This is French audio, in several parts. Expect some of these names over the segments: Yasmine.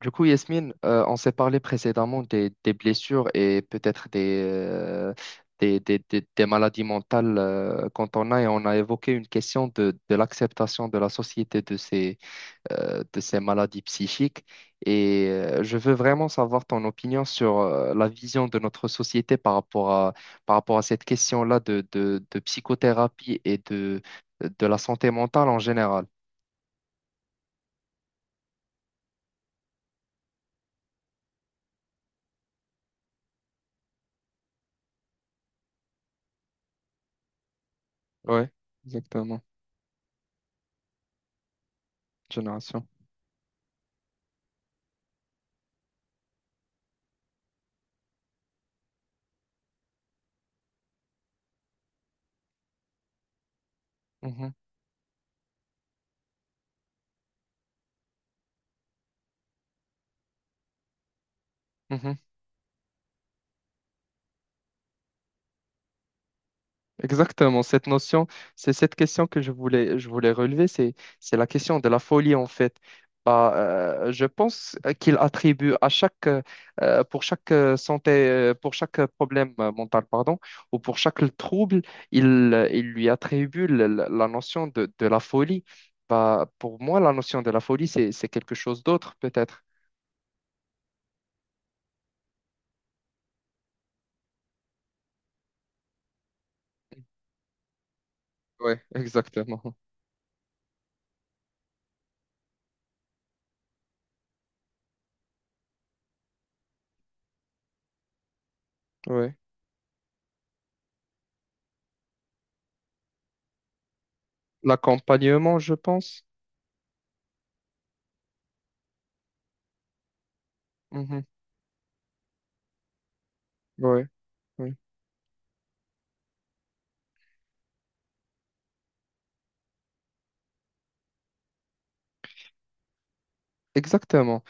Du coup, Yasmine, on s'est parlé précédemment des blessures et peut-être des maladies mentales quand on a, et on a évoqué une question de l'acceptation de la société de de ces maladies psychiques. Et je veux vraiment savoir ton opinion sur la vision de notre société par rapport à cette question-là de psychothérapie et de la santé mentale en général. Ouais, exactement. Génération. Mhm, mhm. Exactement, cette notion, c'est cette question que je voulais relever, c'est la question de la folie en fait. Je pense qu'il attribue à pour chaque santé, pour chaque problème mental, pardon, ou pour chaque trouble, il lui attribue la notion de la folie. Bah, pour moi, la notion de la folie, c'est quelque chose d'autre peut-être. Oui, exactement. Ouais. L'accompagnement, je pense. Mhm. Ouais, ouais. Exactement.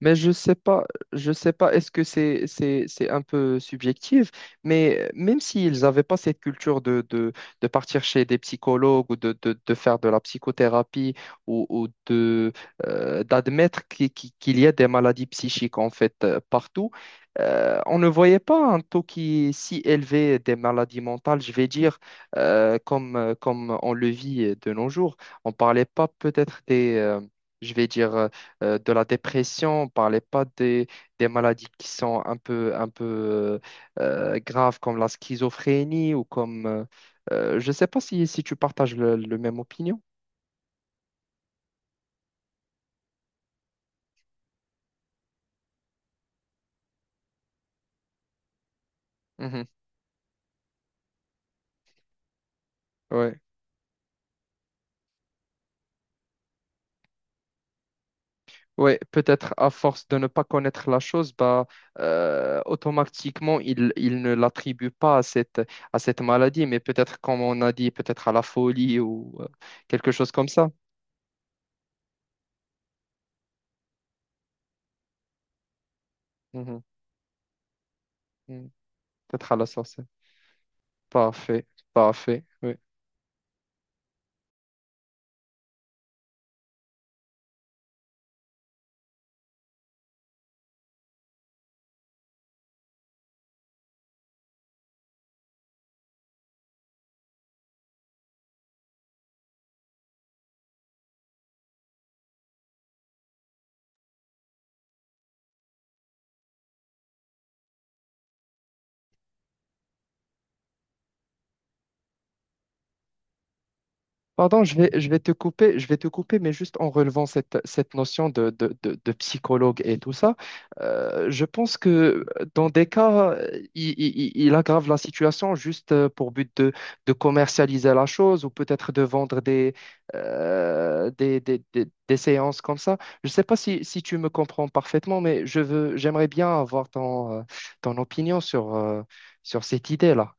Mais je sais pas, est-ce que c'est c'est un peu subjectif, mais même s'ils n'avaient pas cette culture de partir chez des psychologues ou de faire de la psychothérapie ou de d'admettre qu'il y a des maladies psychiques en fait partout, on ne voyait pas un taux qui est si élevé des maladies mentales, je vais dire, comme on le vit de nos jours. On parlait pas peut-être des je vais dire de la dépression, on parlait pas des maladies qui sont un peu graves comme la schizophrénie ou comme... je sais pas si, si tu partages le même opinion. Mhm. Ouais. Ouais, peut-être à force de ne pas connaître la chose, automatiquement, il ne l'attribue pas à à cette maladie, mais peut-être, comme on a dit, peut-être à la folie ou quelque chose comme ça. Mhm. Mhm. Peut-être à la sorcellerie. Parfait, parfait. Pardon, je vais te couper, je vais te couper, mais juste en relevant cette notion de psychologue et tout ça, je pense que dans des cas, il aggrave la situation juste pour but de commercialiser la chose ou peut-être de vendre des séances comme ça. Je ne sais pas si, si tu me comprends parfaitement, mais je veux, j'aimerais bien avoir ton opinion sur cette idée-là.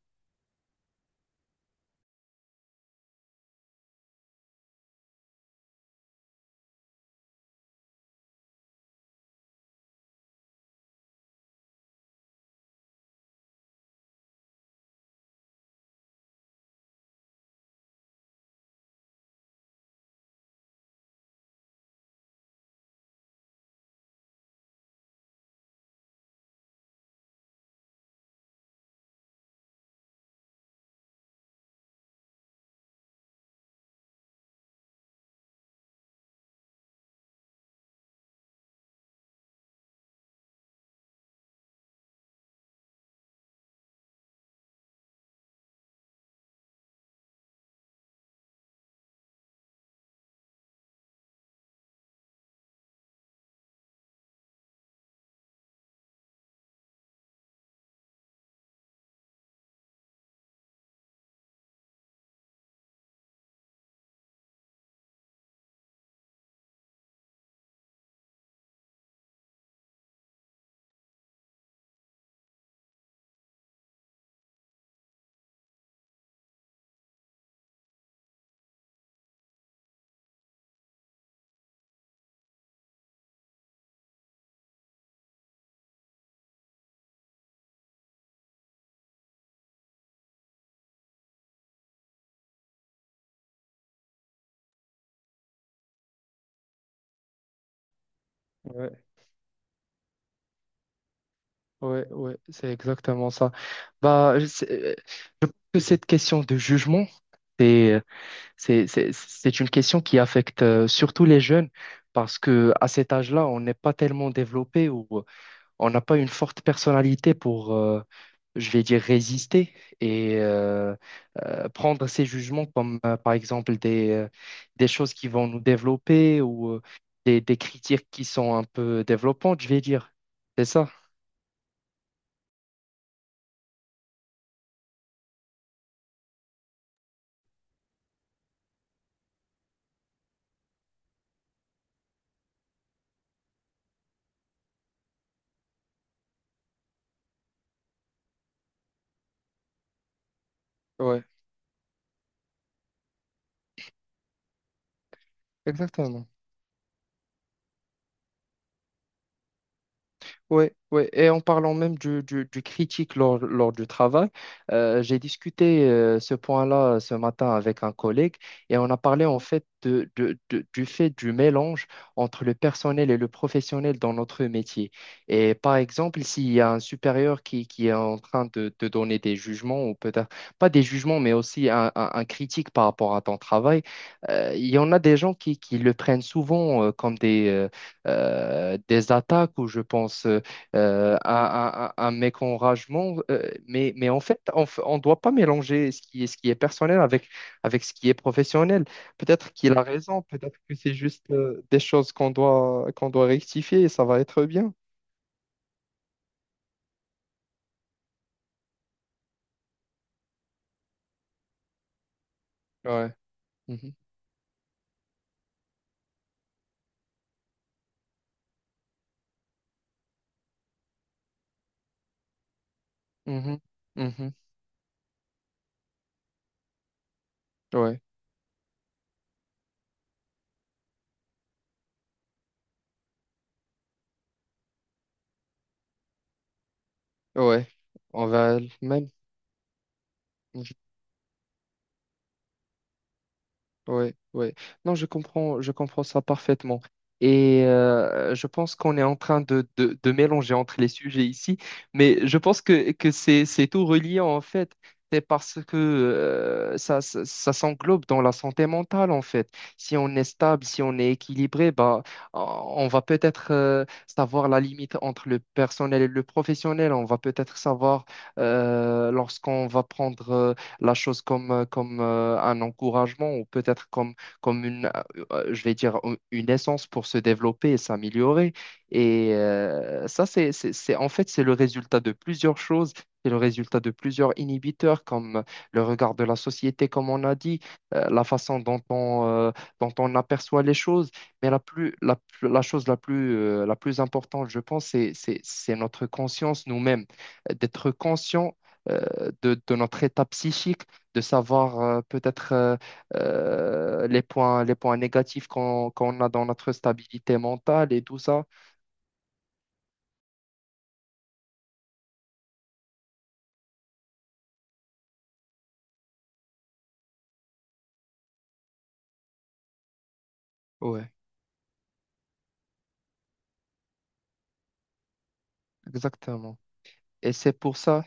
Ouais, ouais, c'est exactement ça. Bah, je sais- euh, je pense que cette question de jugement, c'est, euh, c'est une question qui affecte surtout les jeunes parce que à cet âge-là, on n'est pas tellement développé ou on n'a pas une forte personnalité pour, je vais dire, résister et prendre ces jugements comme, par exemple, des choses qui vont nous développer ou des critiques qui sont un peu développantes, je vais dire. C'est ça? Ouais, exactement. Ouais, ouais. Et en parlant même du critique lors du travail, j'ai discuté ce point-là ce matin avec un collègue et on a parlé en fait du fait du mélange entre le personnel et le professionnel dans notre métier. Et par exemple, s'il y a un supérieur qui est en train de donner des jugements, ou peut-être pas des jugements, mais aussi un critique par rapport à ton travail, il y en a des gens qui le prennent souvent comme des attaques ou je pense. À mes enragements. Mais en fait, on ne doit pas mélanger ce qui est personnel avec, avec ce qui est professionnel. Peut-être qu'il a raison, peut-être que c'est juste des choses qu'on doit rectifier et ça va être bien. Ouais. Mhm. Mhm. Mhm. Ouais. Ouais. On va le même. Oui, oui. Non, je comprends ça parfaitement. Et je pense qu'on est en train de mélanger entre les sujets ici, mais je pense que c'est tout relié en fait. C'est parce que ça s'englobe dans la santé mentale en fait. Si on est stable, si on est équilibré, bah, on va peut-être savoir la limite entre le personnel et le professionnel. On va peut-être savoir lorsqu'on va prendre la chose comme, un encouragement ou peut-être comme, comme je vais dire, une essence pour se développer et s'améliorer. Et ça, en fait, c'est le résultat de plusieurs choses. C'est le résultat de plusieurs inhibiteurs, comme le regard de la société, comme on a dit, la façon dont on aperçoit les choses. Mais la chose la plus importante, je pense, c'est notre conscience nous-mêmes. D'être conscient euh, de notre état psychique, de savoir les points négatifs qu'on a dans notre stabilité mentale et tout ça. Ouais, exactement. Et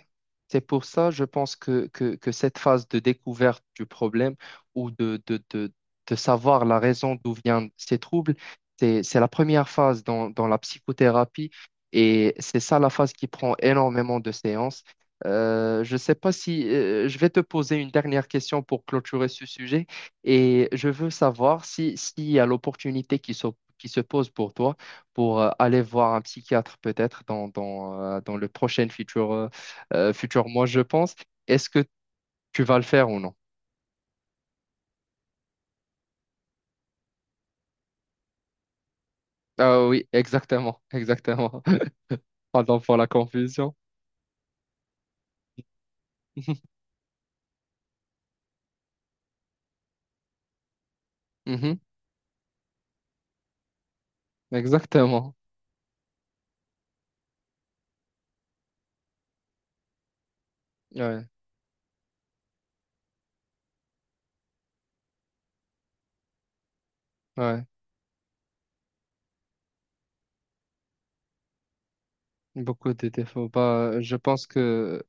c'est pour ça, je pense que cette phase de découverte du problème ou de savoir la raison d'où viennent ces troubles, c'est la première phase dans la psychothérapie et c'est ça la phase qui prend énormément de séances. Je ne sais pas si je vais te poser une dernière question pour clôturer ce sujet et je veux savoir si, s'il y a l'opportunité qui se pose pour toi pour aller voir un psychiatre peut-être dans le prochain futur, futur mois, je pense. Est-ce que tu vas le faire ou non? Ah oui, exactement, exactement. Pardon pour la confusion. Mhm, exactement. Ouais, ouais. Beaucoup de défauts. Bah, je pense que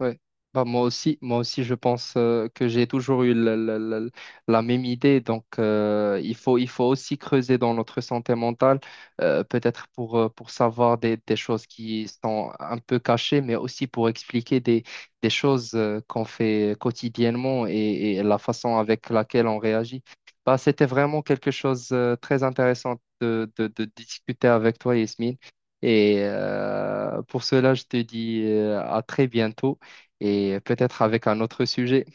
ouais. Bah, moi aussi, je pense que j'ai toujours eu la même idée. Donc, il faut aussi creuser dans notre santé mentale, peut-être pour savoir des choses qui sont un peu cachées, mais aussi pour expliquer des choses qu'on fait quotidiennement et la façon avec laquelle on réagit. Bah, c'était vraiment quelque chose de très intéressant de discuter avec toi, Yasmine. Et pour cela, je te dis à très bientôt et peut-être avec un autre sujet.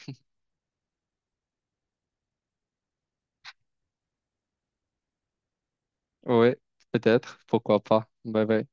Ouais, peut-être, pourquoi pas. Bye bye.